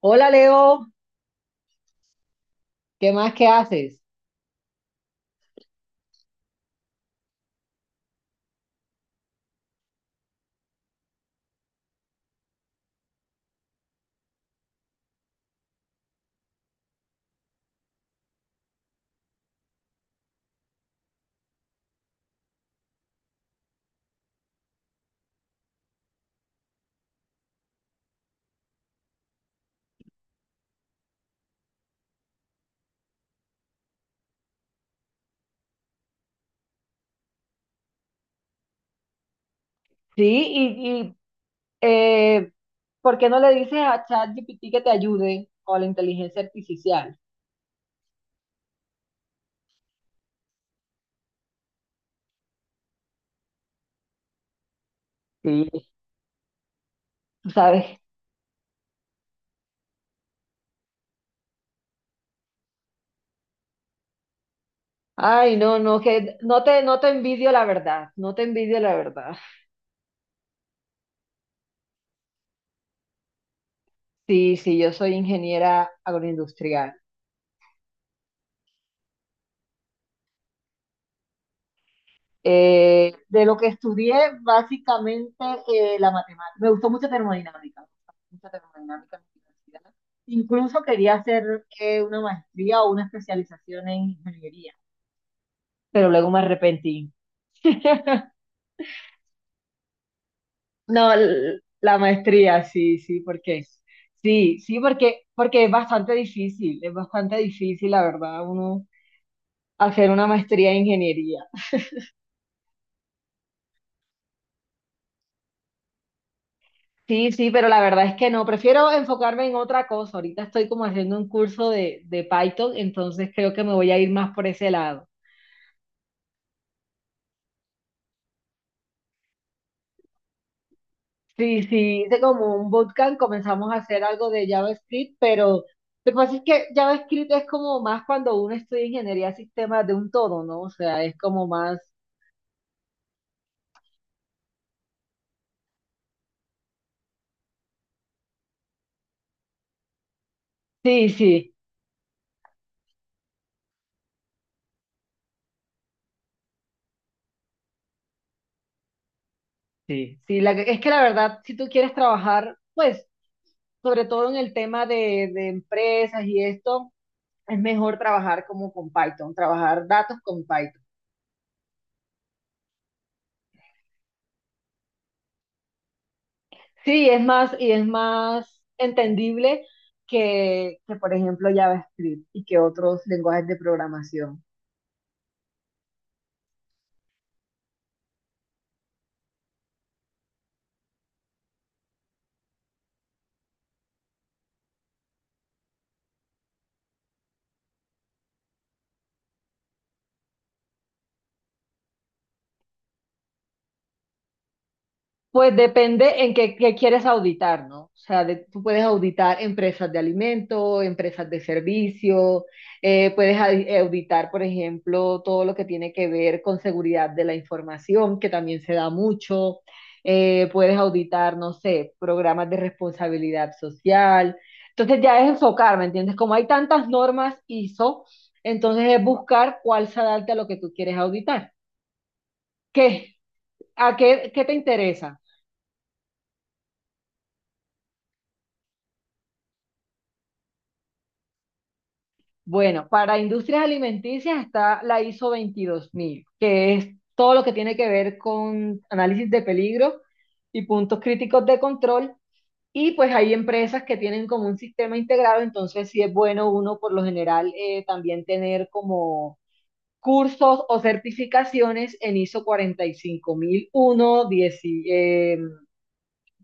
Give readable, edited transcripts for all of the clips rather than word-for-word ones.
Hola Leo, ¿qué más que haces? Sí, eh, ¿por qué no le dices a ChatGPT que te ayude o a la inteligencia artificial? Sí. Tú sabes. Ay, no, no, que no te envidio, la verdad, no te envidio, la verdad. Sí, sí, yo soy ingeniera agroindustrial. De lo que estudié, básicamente la matemática. Me gustó mucho termodinámica en la universidad. Incluso quería hacer una maestría o una especialización en ingeniería, pero luego me arrepentí. No, la maestría, sí, sí, porque porque es bastante difícil, la verdad, uno hacer una maestría en ingeniería. Sí, sí, pero la verdad es que no, prefiero enfocarme en otra cosa. Ahorita estoy como haciendo un curso de Python, entonces creo que me voy a ir más por ese lado. Sí, sí, hice como un bootcamp, comenzamos a hacer algo de JavaScript, pero lo que pasa es que JavaScript es como más cuando uno estudia ingeniería de sistemas de un todo, ¿no? O sea, es como más. Sí, sí, sí, sí, es que la verdad, si tú quieres trabajar, pues, sobre todo en el tema de empresas y esto. Es mejor trabajar como con Python, trabajar datos con Python. Sí, es más, y es más entendible que, por ejemplo, JavaScript y que otros lenguajes de programación. Pues depende en qué, qué quieres auditar, ¿no? O sea, tú puedes auditar empresas de alimento, empresas de servicio, auditar, por ejemplo, todo lo que tiene que ver con seguridad de la información, que también se da mucho. Puedes auditar, no sé, programas de responsabilidad social. Entonces ya es enfocar, ¿me entiendes? Como hay tantas normas ISO, entonces es buscar cuál se adapta a lo que tú quieres auditar. ¿Qué? ¿A qué, qué te interesa? Bueno, para industrias alimenticias está la ISO 22000, que es todo lo que tiene que ver con análisis de peligro y puntos críticos de control. Y pues hay empresas que tienen como un sistema integrado, entonces sí es bueno uno por lo general también tener como cursos o certificaciones en ISO 45001, 10, eh,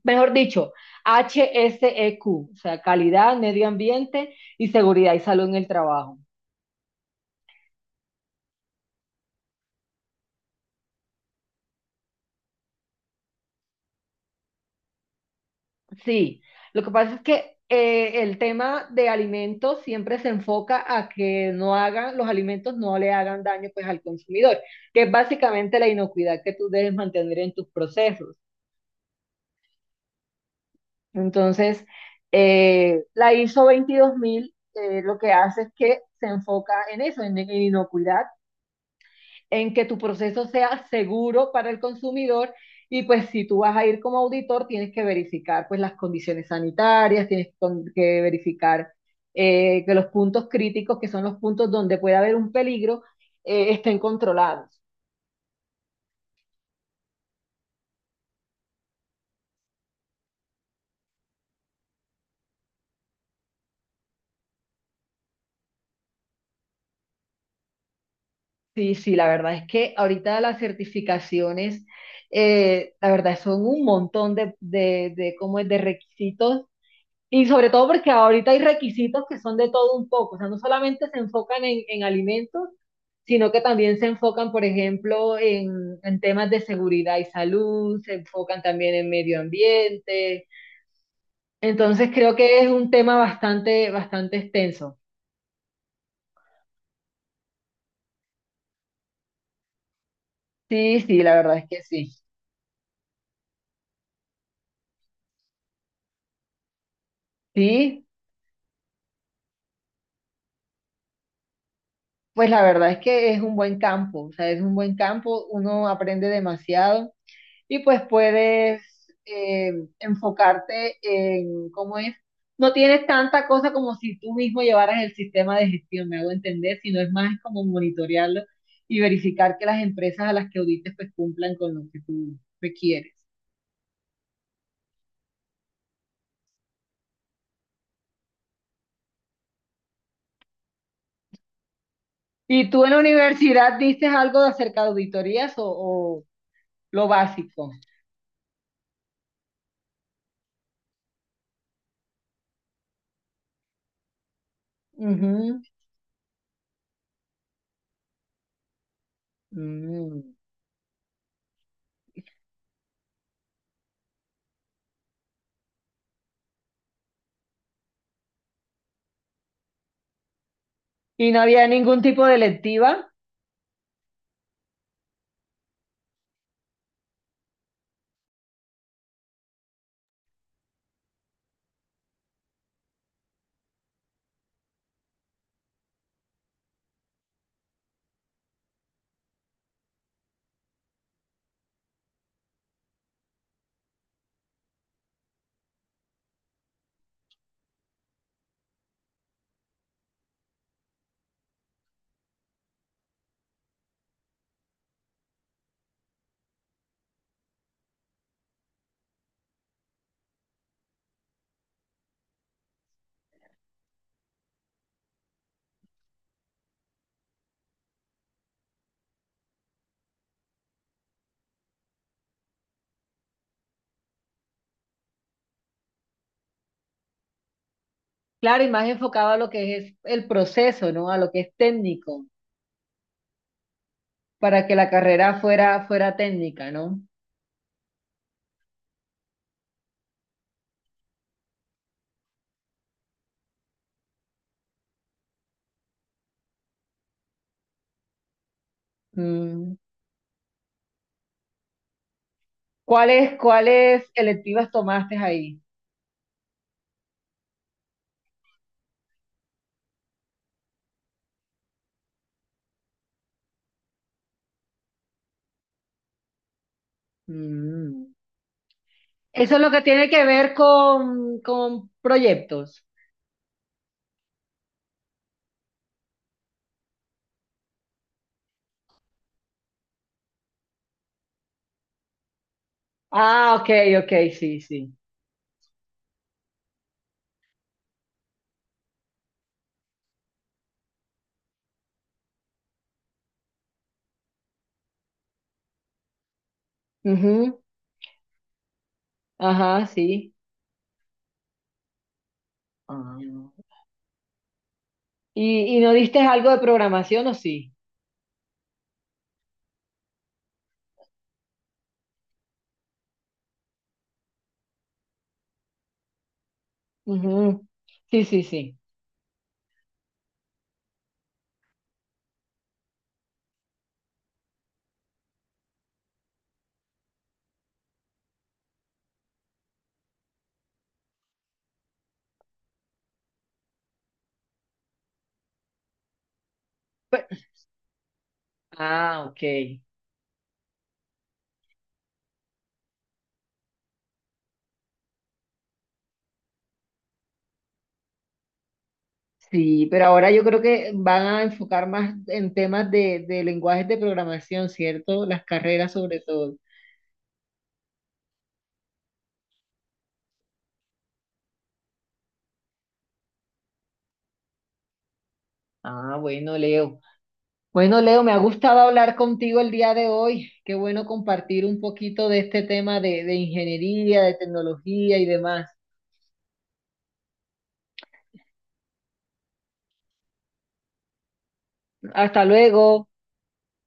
mejor dicho, HSEQ, o sea, calidad, medio ambiente y seguridad y salud en el trabajo. Sí, lo que pasa es que el tema de alimentos siempre se enfoca a que los alimentos no le hagan daño, pues, al consumidor, que es básicamente la inocuidad que tú debes mantener en tus procesos. Entonces, la ISO 22000, lo que hace es que se enfoca en eso, en inocuidad, en que tu proceso sea seguro para el consumidor. Y pues si tú vas a ir como auditor, tienes que verificar, pues, las condiciones sanitarias, que verificar que los puntos críticos, que son los puntos donde puede haber un peligro, estén controlados. Sí, sí, la verdad es que ahorita las certificaciones, la verdad, son un montón ¿cómo es? De requisitos. Y sobre todo porque ahorita hay requisitos que son de todo un poco, o sea, no solamente se enfocan en alimentos, sino que también se enfocan, por ejemplo, en temas de seguridad y salud, se enfocan también en medio ambiente. Entonces creo que es un tema bastante, bastante extenso. Sí, sí, la verdad es que sí. Sí, pues la verdad es que es un buen campo, o sea, es un buen campo, uno aprende demasiado. Y pues puedes eh, enfocarte en cómo es. No tienes tanta cosa como si tú mismo llevaras el sistema de gestión, me hago entender, sino es más como monitorearlo y verificar que las empresas a las que audites, pues, cumplan con lo que tú requieres. ¿Y tú en la universidad dices algo de acerca de auditorías o lo básico? Ujú. Mm. ¿Y no había ningún tipo de lectiva? Claro, y más enfocado a lo que es el proceso, ¿no? A lo que es técnico. Para que la carrera fuera, fuera técnica, ¿no? Mm. ¿Cuáles, cuáles electivas tomaste ahí? Mm. Eso es lo que tiene que ver con proyectos. Ah, ok, ok, sí, sí. Ujú. Ajá, sí. Ah. Y no diste algo de programación o sí? Ujú. Sí, sí, sí. Pe- Ah, ok. Sí, pero ahora yo creo que van a enfocar más en temas de lenguajes de programación, ¿cierto? Las carreras, sobre todo. Ah, bueno, Leo. Bueno, Leo, me ha gustado hablar contigo el día de hoy. Qué bueno compartir un poquito de este tema de ingeniería, de tecnología y demás. Hasta luego.